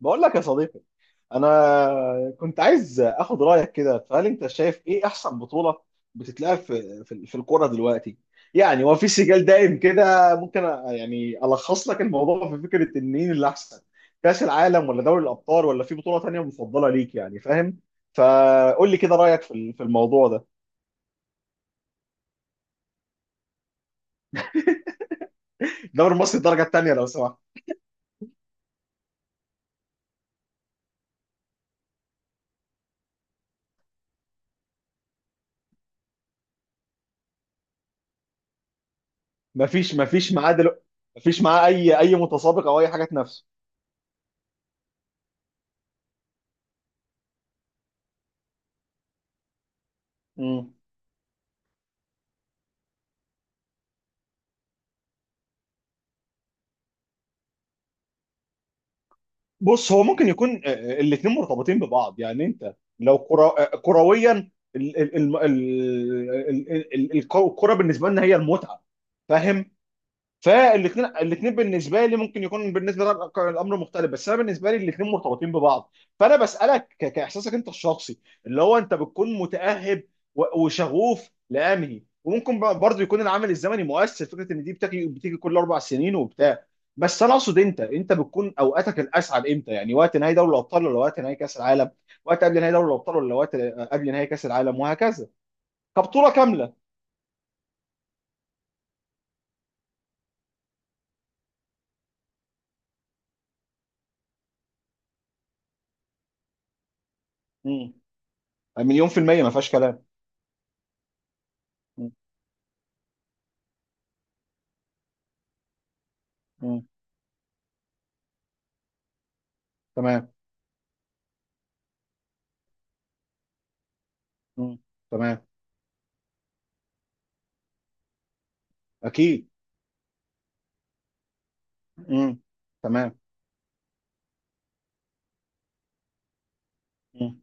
بقول لك يا صديقي، انا كنت عايز اخد رايك كده. فهل انت شايف ايه احسن بطوله بتتلعب في الكوره دلوقتي؟ يعني هو في سجال دايم كده. ممكن يعني الخص لك الموضوع في فكره ان مين اللي احسن، كاس العالم ولا دوري الابطال ولا في بطوله تانية مفضله ليك؟ يعني فاهم؟ فقول لي كده رايك في في الموضوع ده. الدوري المصري الدرجه الثانيه لو سمحت. مفيش معاه دلوقتي، مفيش معاه اي متسابق او اي حاجه تنافسه. بص، هو ممكن يكون الاثنين مرتبطين ببعض. يعني انت لو كرة كرويا، الكرة بالنسبة لنا هي المتعة، فاهم؟ فالاثنين بالنسبه لي ممكن يكون بالنسبه لك الامر مختلف، بس انا بالنسبه لي الاثنين مرتبطين ببعض. فانا بسالك كاحساسك انت الشخصي، اللي هو انت بتكون متاهب وشغوف لانهي، وممكن برضه يكون العامل الزمني مؤثر، فكره ان دي بتيجي كل 4 سنين وبتاع. بس انا اقصد، انت بتكون اوقاتك الاسعد امتى؟ يعني وقت نهائي دوري الابطال ولا وقت نهائي كاس العالم؟ وقت قبل نهائي دوري الابطال ولا وقت قبل نهائي كاس العالم وهكذا، كبطوله كامله. مم. مليون في الميه، ما فيهاش كلام. مم. مم. تمام. مم. تمام، اكيد. مم. تمام. مم.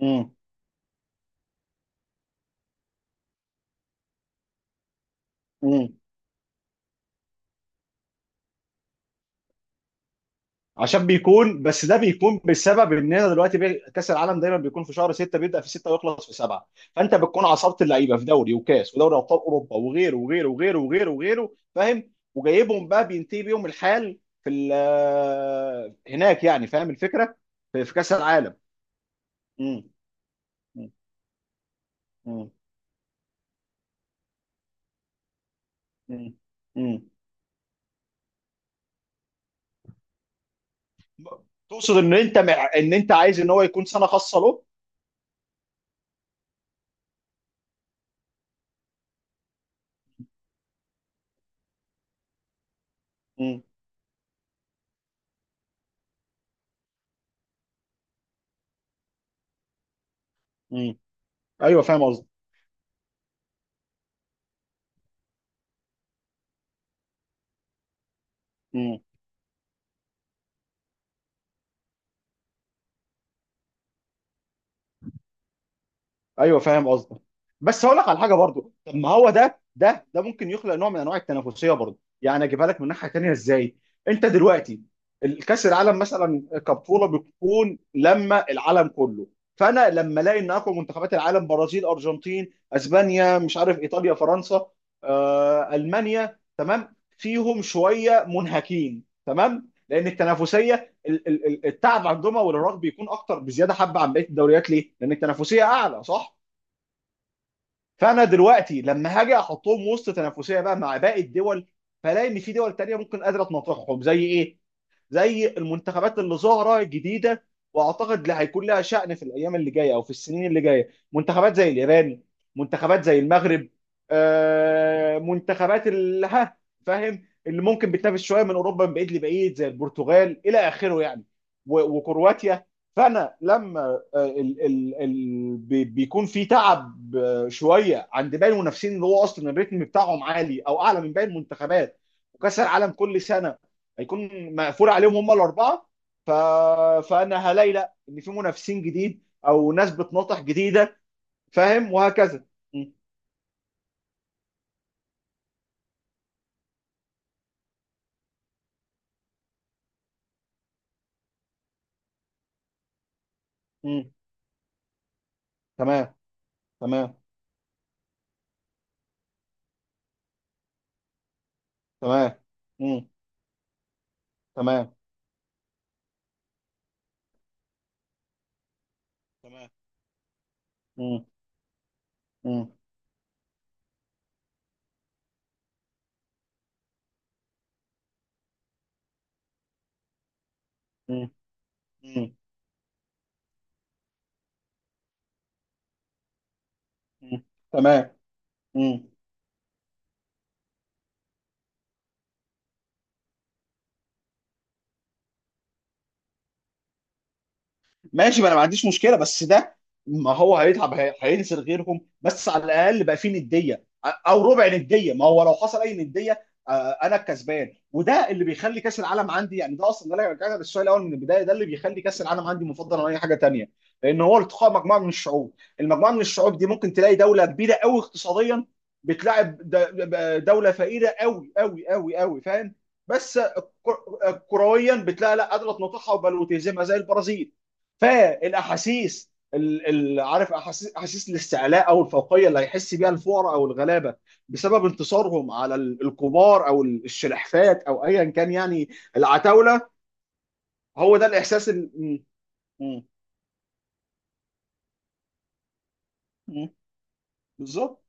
مم. مم. عشان بيكون، بس ده بيكون بسبب اننا دلوقتي كاس العالم دايما بيكون في شهر 6، بيبدا في 6 ويخلص في 7. فانت بتكون عصبت اللعيبه في دوري وكاس ودوري ابطال اوروبا وغيره، فاهم؟ وجايبهم بقى بينتهي بيهم الحال في هناك، يعني فاهم الفكره؟ في في كاس العالم. مم. مم. مم. مم. مم. تقصد ان ان انت عايز ان هو يكون سنه خاصه له. مم. ايوه فاهم قصدي. مم. ايوه فاهم قصدي. بس هقول لك على حاجه برضو، طب ما هو ده ممكن يخلق نوع من انواع التنافسيه برضو. يعني اجيبها لك من ناحيه تانيه ازاي، انت دلوقتي الكاس العالم مثلا كبطوله بتكون لما العالم كله، فانا لما الاقي ان اقوى منتخبات العالم، برازيل، ارجنتين، اسبانيا، مش عارف، ايطاليا، فرنسا، المانيا، تمام، فيهم شويه منهكين. تمام، لان التنافسيه، التعب عندهم والارهاق بيكون اكتر بزياده حبه عن بقيه الدوريات. ليه؟ لان التنافسيه اعلى، صح؟ فانا دلوقتي لما هاجي احطهم وسط تنافسيه بقى مع باقي الدول، فلاقي ان في دول تانيه ممكن قادره تناطحهم زي ايه؟ زي المنتخبات اللي ظاهره جديده، واعتقد اللي هيكون لها شأن في الايام اللي جايه او في السنين اللي جايه، منتخبات زي اليابان، منتخبات زي المغرب، منتخبات اللي ها، فاهم، اللي ممكن بتنافس شويه من اوروبا من بعيد لبعيد زي البرتغال الى اخره يعني، وكرواتيا. فانا لما بيكون في تعب شويه عند باقي المنافسين، اللي هو اصلا الريتم بتاعهم عالي او اعلى من باقي المنتخبات، وكاس العالم كل سنه هيكون مقفول عليهم هم الاربعه. ف... فانا هلاقي لا، ان في منافسين جديد او ناس بتناطح جديده، فاهم وهكذا. م. م. تمام. تمام. تمام. م. تمام. تمام. م. م. م. م. م. تمام. م. ماشي، ما انا ما عنديش مشكله، بس ده ما هو هيتعب، هينزل غيرهم، بس على الاقل بقى فيه نديه او ربع نديه. ما هو لو حصل اي نديه انا الكسبان، وده اللي بيخلي كاس العالم عندي. يعني ده اصلا، ده اللي رجعنا للسؤال الاول من البدايه، ده اللي بيخلي كاس العالم عندي مفضل عن اي حاجه تانيه، لان هو التقاء مجموعه من الشعوب. المجموعه من الشعوب دي ممكن تلاقي دوله كبيره قوي اقتصاديا بتلاعب دوله فقيره قوي قوي قوي قوي، فاهم؟ بس كرويا بتلاقي لا، قادره تنطحها وبل وتهزمها زي البرازيل. فالاحاسيس عارف احاسيس، احاسيس الاستعلاء او الفوقيه اللي هيحس بيها الفقراء او الغلابه، بسبب انتصارهم على الكبار او الشلحفات او ايا كان يعني، العتاوله. هو ده الاحساس م- م- بالظبط.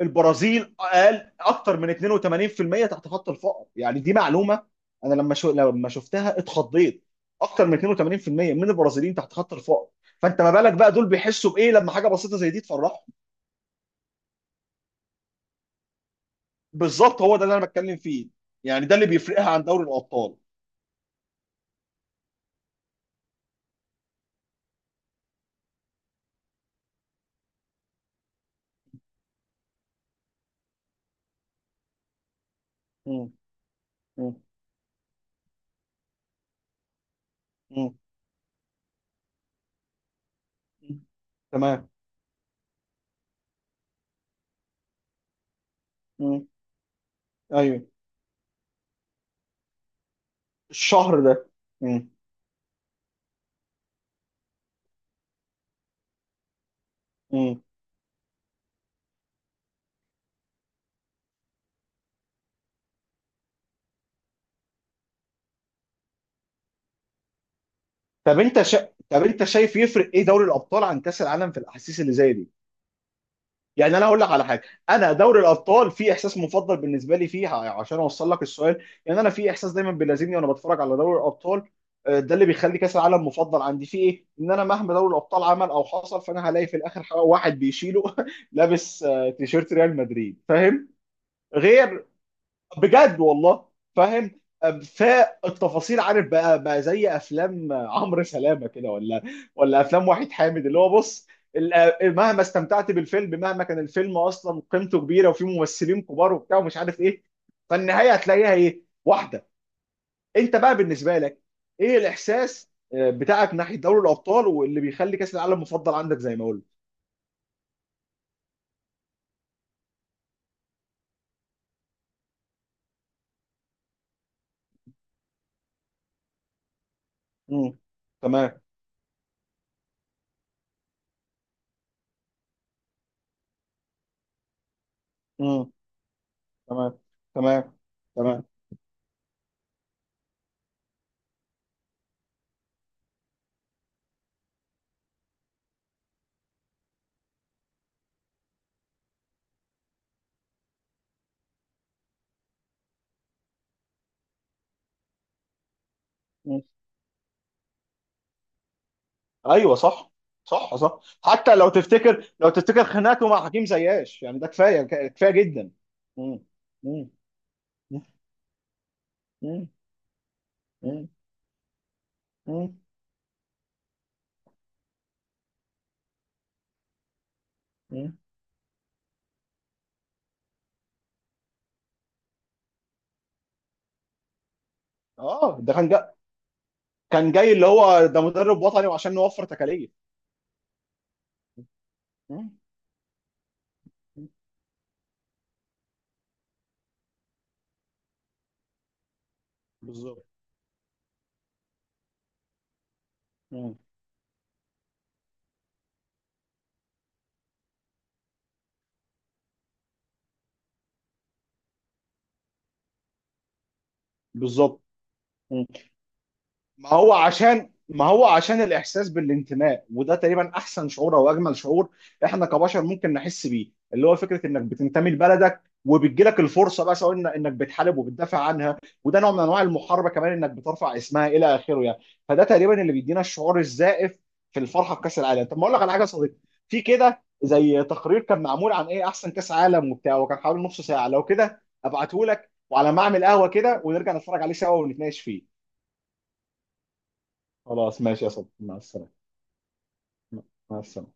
البرازيل، اقل، اكتر من 82% تحت خط الفقر، يعني دي معلومه. انا لما لما شفتها اتخضيت، اكتر من 82% من البرازيليين تحت خط الفقر. فانت ما بالك بقى دول بيحسوا بايه لما حاجه بسيطه زي دي تفرحهم؟ بالظبط، هو ده اللي انا بتكلم فيه. يعني ده اللي بيفرقها عن دوري الابطال. مم. مم. مم. تمام. مم. ايوه، الشهر ده. مم. مم. طب طب انت شايف يفرق ايه دوري الابطال عن كاس العالم في الاحاسيس اللي زي دي؟ يعني انا هقول لك على حاجه. انا دوري الابطال في احساس مفضل بالنسبه لي فيه، عشان اوصل لك السؤال، يعني انا في احساس دايما بيلازمني وانا بتفرج على دوري الابطال. ده اللي بيخلي كاس العالم مفضل عندي فيه ايه؟ ان انا مهما دوري الابطال عمل او حصل، فانا هلاقي في الاخر واحد بيشيله لابس تيشيرت ريال مدريد، فاهم؟ غير، بجد والله، فاهم؟ فالتفاصيل، عارف بقى، زي افلام عمرو سلامه كده، ولا ولا افلام وحيد حامد، اللي هو بص، مهما استمتعت بالفيلم، مهما كان الفيلم اصلا قيمته كبيره وفيه ممثلين كبار وبتاع ومش عارف ايه، فالنهايه هتلاقيها ايه؟ واحده. انت بقى بالنسبه لك، ايه الاحساس بتاعك ناحيه دوري الابطال واللي بيخلي كاس العالم مفضل عندك زي ما قلت؟ امم تمام. امم تمام. تمام. تمام. ايوه صح. صح صح. حتى لو تفتكر، لو تفتكر خناقته مع حكيم زياش يعني، ده كفايه، كفايه جدا. مم. مم. مم. مم. مم. مم. اه، كان جاي اللي هو ده، مدرب وطني وعشان نوفر تكاليف. مم. بالظبط. مم. بالظبط. ما هو عشان، ما هو عشان الإحساس بالانتماء، وده تقريبا أحسن شعور أو أجمل شعور إحنا كبشر ممكن نحس بيه، اللي هو فكرة إنك بتنتمي لبلدك وبتجيلك الفرصة بقى سواء إنك بتحارب وبتدافع عنها، وده نوع من أنواع المحاربة كمان، إنك بترفع اسمها إلى آخره يعني. فده تقريبا اللي بيدينا الشعور الزائف في الفرحة بكأس العالم. طب ما أقول لك على حاجة يا صديقي، في كده زي تقرير كان معمول عن إيه أحسن كأس عالم وبتاع، وكان حوالي نص ساعة، لو كده أبعته لك وعلى ما أعمل قهوة كده، ونرجع نتفرج عليه سوا ونتناقش فيه. خلاص ماشي يا صديقي، مع السلامة. مع السلامة.